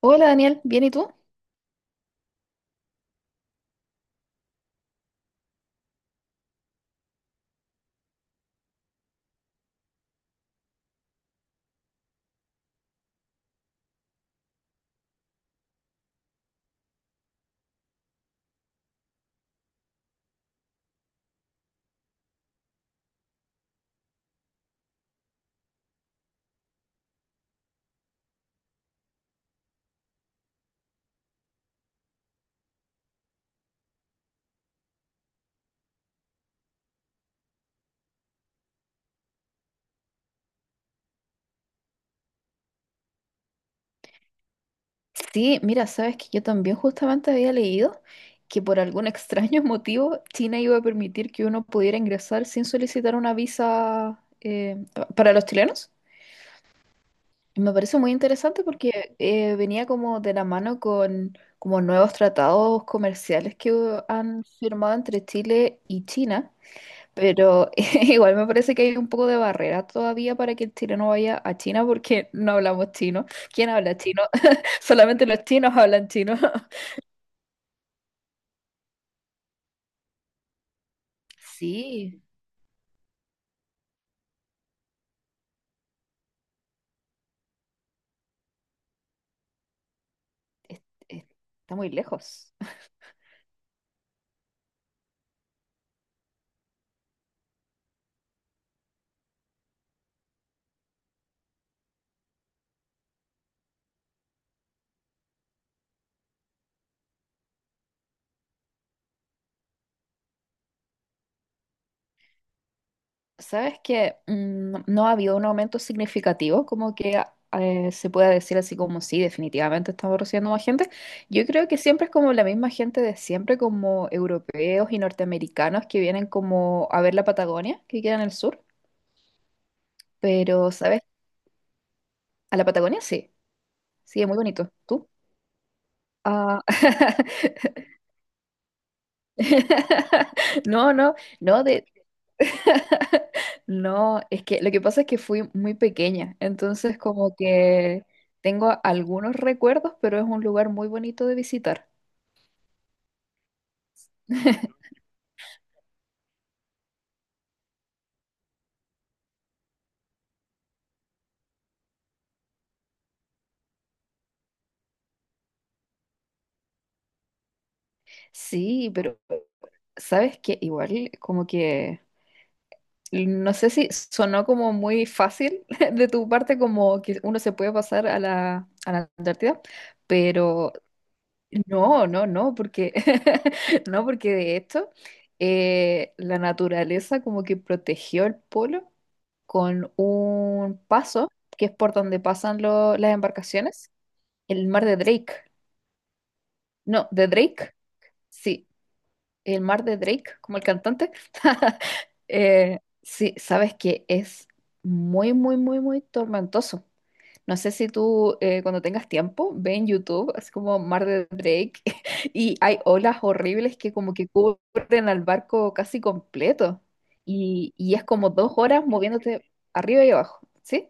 Hola Daniel, ¿bien y tú? Sí, mira, sabes que yo también justamente había leído que por algún extraño motivo China iba a permitir que uno pudiera ingresar sin solicitar una visa para los chilenos. Y me parece muy interesante porque venía como de la mano con como nuevos tratados comerciales que han firmado entre Chile y China. Pero igual me parece que hay un poco de barrera todavía para que el chileno vaya a China porque no hablamos chino. ¿Quién habla chino? Solamente los chinos hablan chino. Sí, es- es- está muy lejos. ¿Sabes que no ha habido un aumento significativo? Se pueda decir así como sí, definitivamente estamos recibiendo más gente. Yo creo que siempre es como la misma gente de siempre, como europeos y norteamericanos que vienen como a ver la Patagonia, que queda en el sur. Pero, ¿sabes? A la Patagonia, sí. Sí, es muy bonito. ¿Tú? Ah, no, no, no, de... No, es que lo que pasa es que fui muy pequeña, entonces como que tengo algunos recuerdos, pero es un lugar muy bonito de visitar. Sí, pero sabes que igual como que no sé si sonó como muy fácil de tu parte como que uno se puede pasar a la Antártida, pero no, no, no, porque no, porque de esto la naturaleza como que protegió el polo con un paso que es por donde pasan las embarcaciones, el mar de Drake. No, de Drake, sí, el mar de Drake, como el cantante. Eh, sí, sabes que es muy, muy, muy, muy tormentoso. No sé si tú cuando tengas tiempo, ve en YouTube, así como Mar de Drake, y hay olas horribles que como que cubren al barco casi completo. Y es como dos horas moviéndote arriba y abajo. ¿Sí?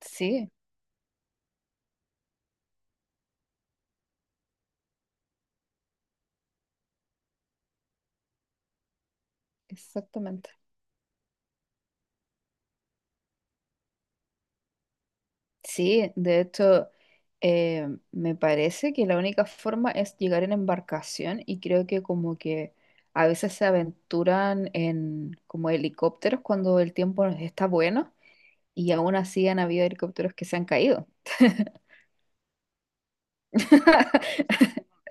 Sí, exactamente. Sí, de hecho, me parece que la única forma es llegar en embarcación y creo que como que a veces se aventuran en como helicópteros cuando el tiempo está bueno. Y aún así han habido helicópteros que se han caído.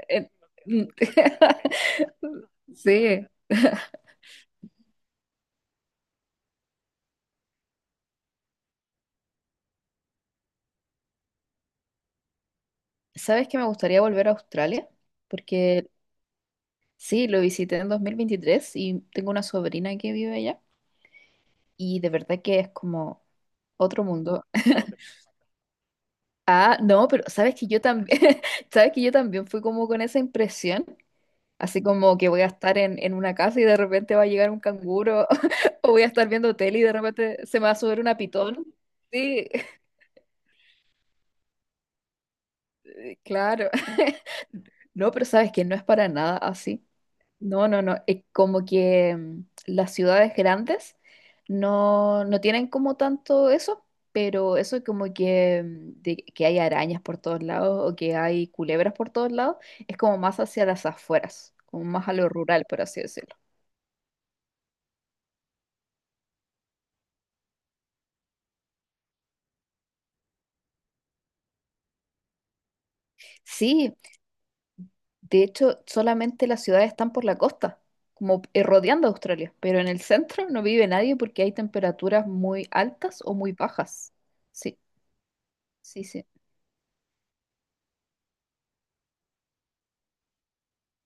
Eh, sí. ¿Sabes que me gustaría volver a Australia? Porque sí, lo visité en 2023 y tengo una sobrina que vive allá. Y de verdad que es como otro mundo. Ah, no, pero sabes que yo también, sabes que yo también fui como con esa impresión, así como que voy a estar en una casa y de repente va a llegar un canguro, o voy a estar viendo tele y de repente se me va a subir una pitón. Sí, claro. No, pero sabes que no es para nada así. No, no, no. Es como que mm, las ciudades grandes no tienen como tanto eso, pero eso como que, mm, de que hay arañas por todos lados o que hay culebras por todos lados, es como más hacia las afueras, como más a lo rural, por así decirlo. Sí, de hecho, solamente las ciudades están por la costa, como rodeando Australia, pero en el centro no vive nadie porque hay temperaturas muy altas o muy bajas. Sí. Sí, sí.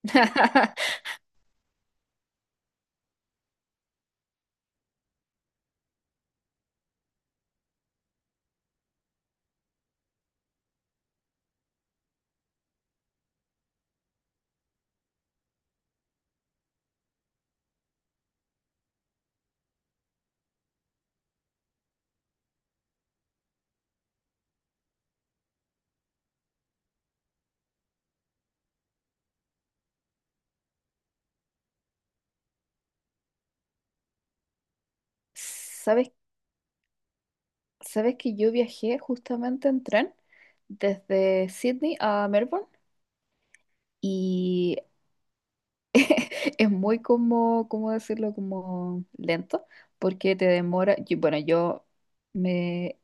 ¿Sabes, sabes que yo viajé justamente en tren desde Sydney a Melbourne y es muy como, ¿cómo decirlo? Como lento, porque te demora, yo me,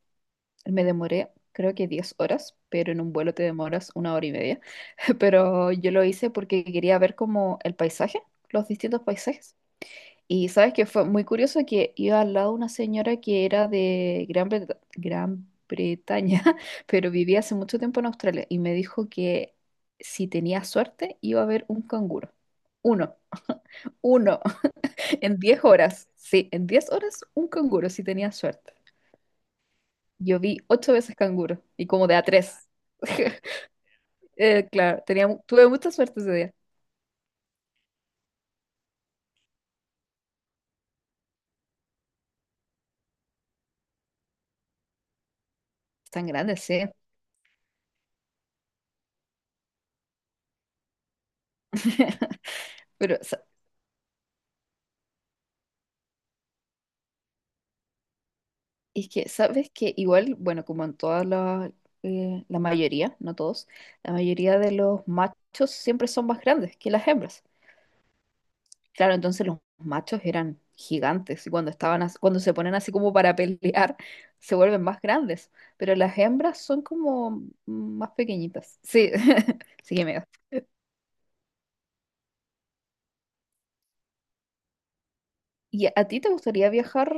me demoré creo que 10 horas, pero en un vuelo te demoras una hora y media, pero yo lo hice porque quería ver como el paisaje, los distintos paisajes. Y sabes que fue muy curioso que iba al lado una señora que era de Gran Bretaña, pero vivía hace mucho tiempo en Australia y me dijo que si tenía suerte iba a haber un canguro. Uno, uno, en 10 horas. Sí, en 10 horas un canguro si tenía suerte. Yo vi ocho veces canguro y como de a tres. Claro, tuve mucha suerte ese día. Están grandes, sí. Pero es que, ¿sabes que igual, bueno, como en todas la mayoría, no todos, la mayoría de los machos siempre son más grandes que las hembras. Claro, entonces los machos eran gigantes y cuando cuando se ponen así como para pelear, se vuelven más grandes, pero las hembras son como más pequeñitas. Sí, sí que me da. ¿Y a ti te gustaría viajar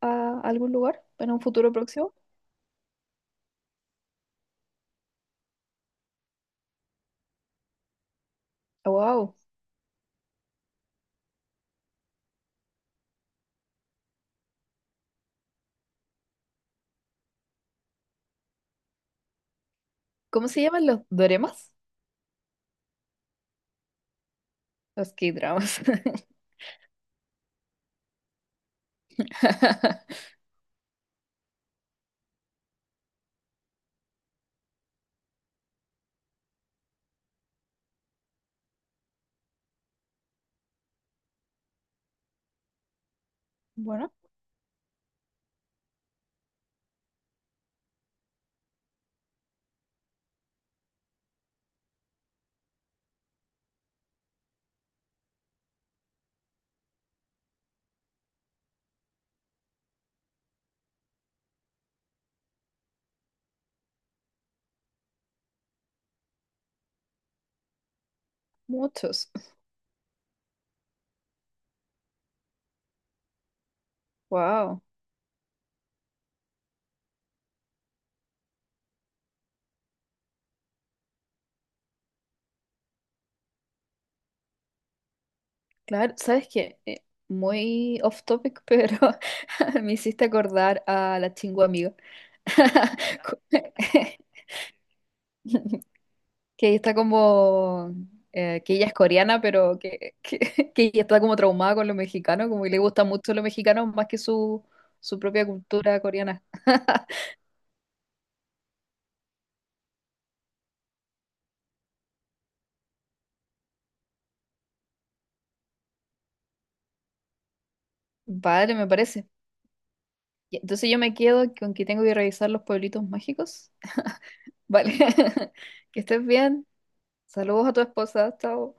a algún lugar en un futuro próximo? Wow. ¿Cómo se llaman los doremas? Los K-dramas. Bueno. Muchos. Wow. Claro, ¿sabes qué? Muy off topic, pero me hiciste acordar a la chingua amiga. Cu- que está como que ella es coreana, pero que ella está como traumada con lo mexicano, como que le gusta mucho lo mexicano más que su propia cultura coreana. Vale, me parece. Y entonces yo me quedo con que tengo que revisar los pueblitos mágicos. Vale. Que estés bien. Saludos a tu esposa. Chao.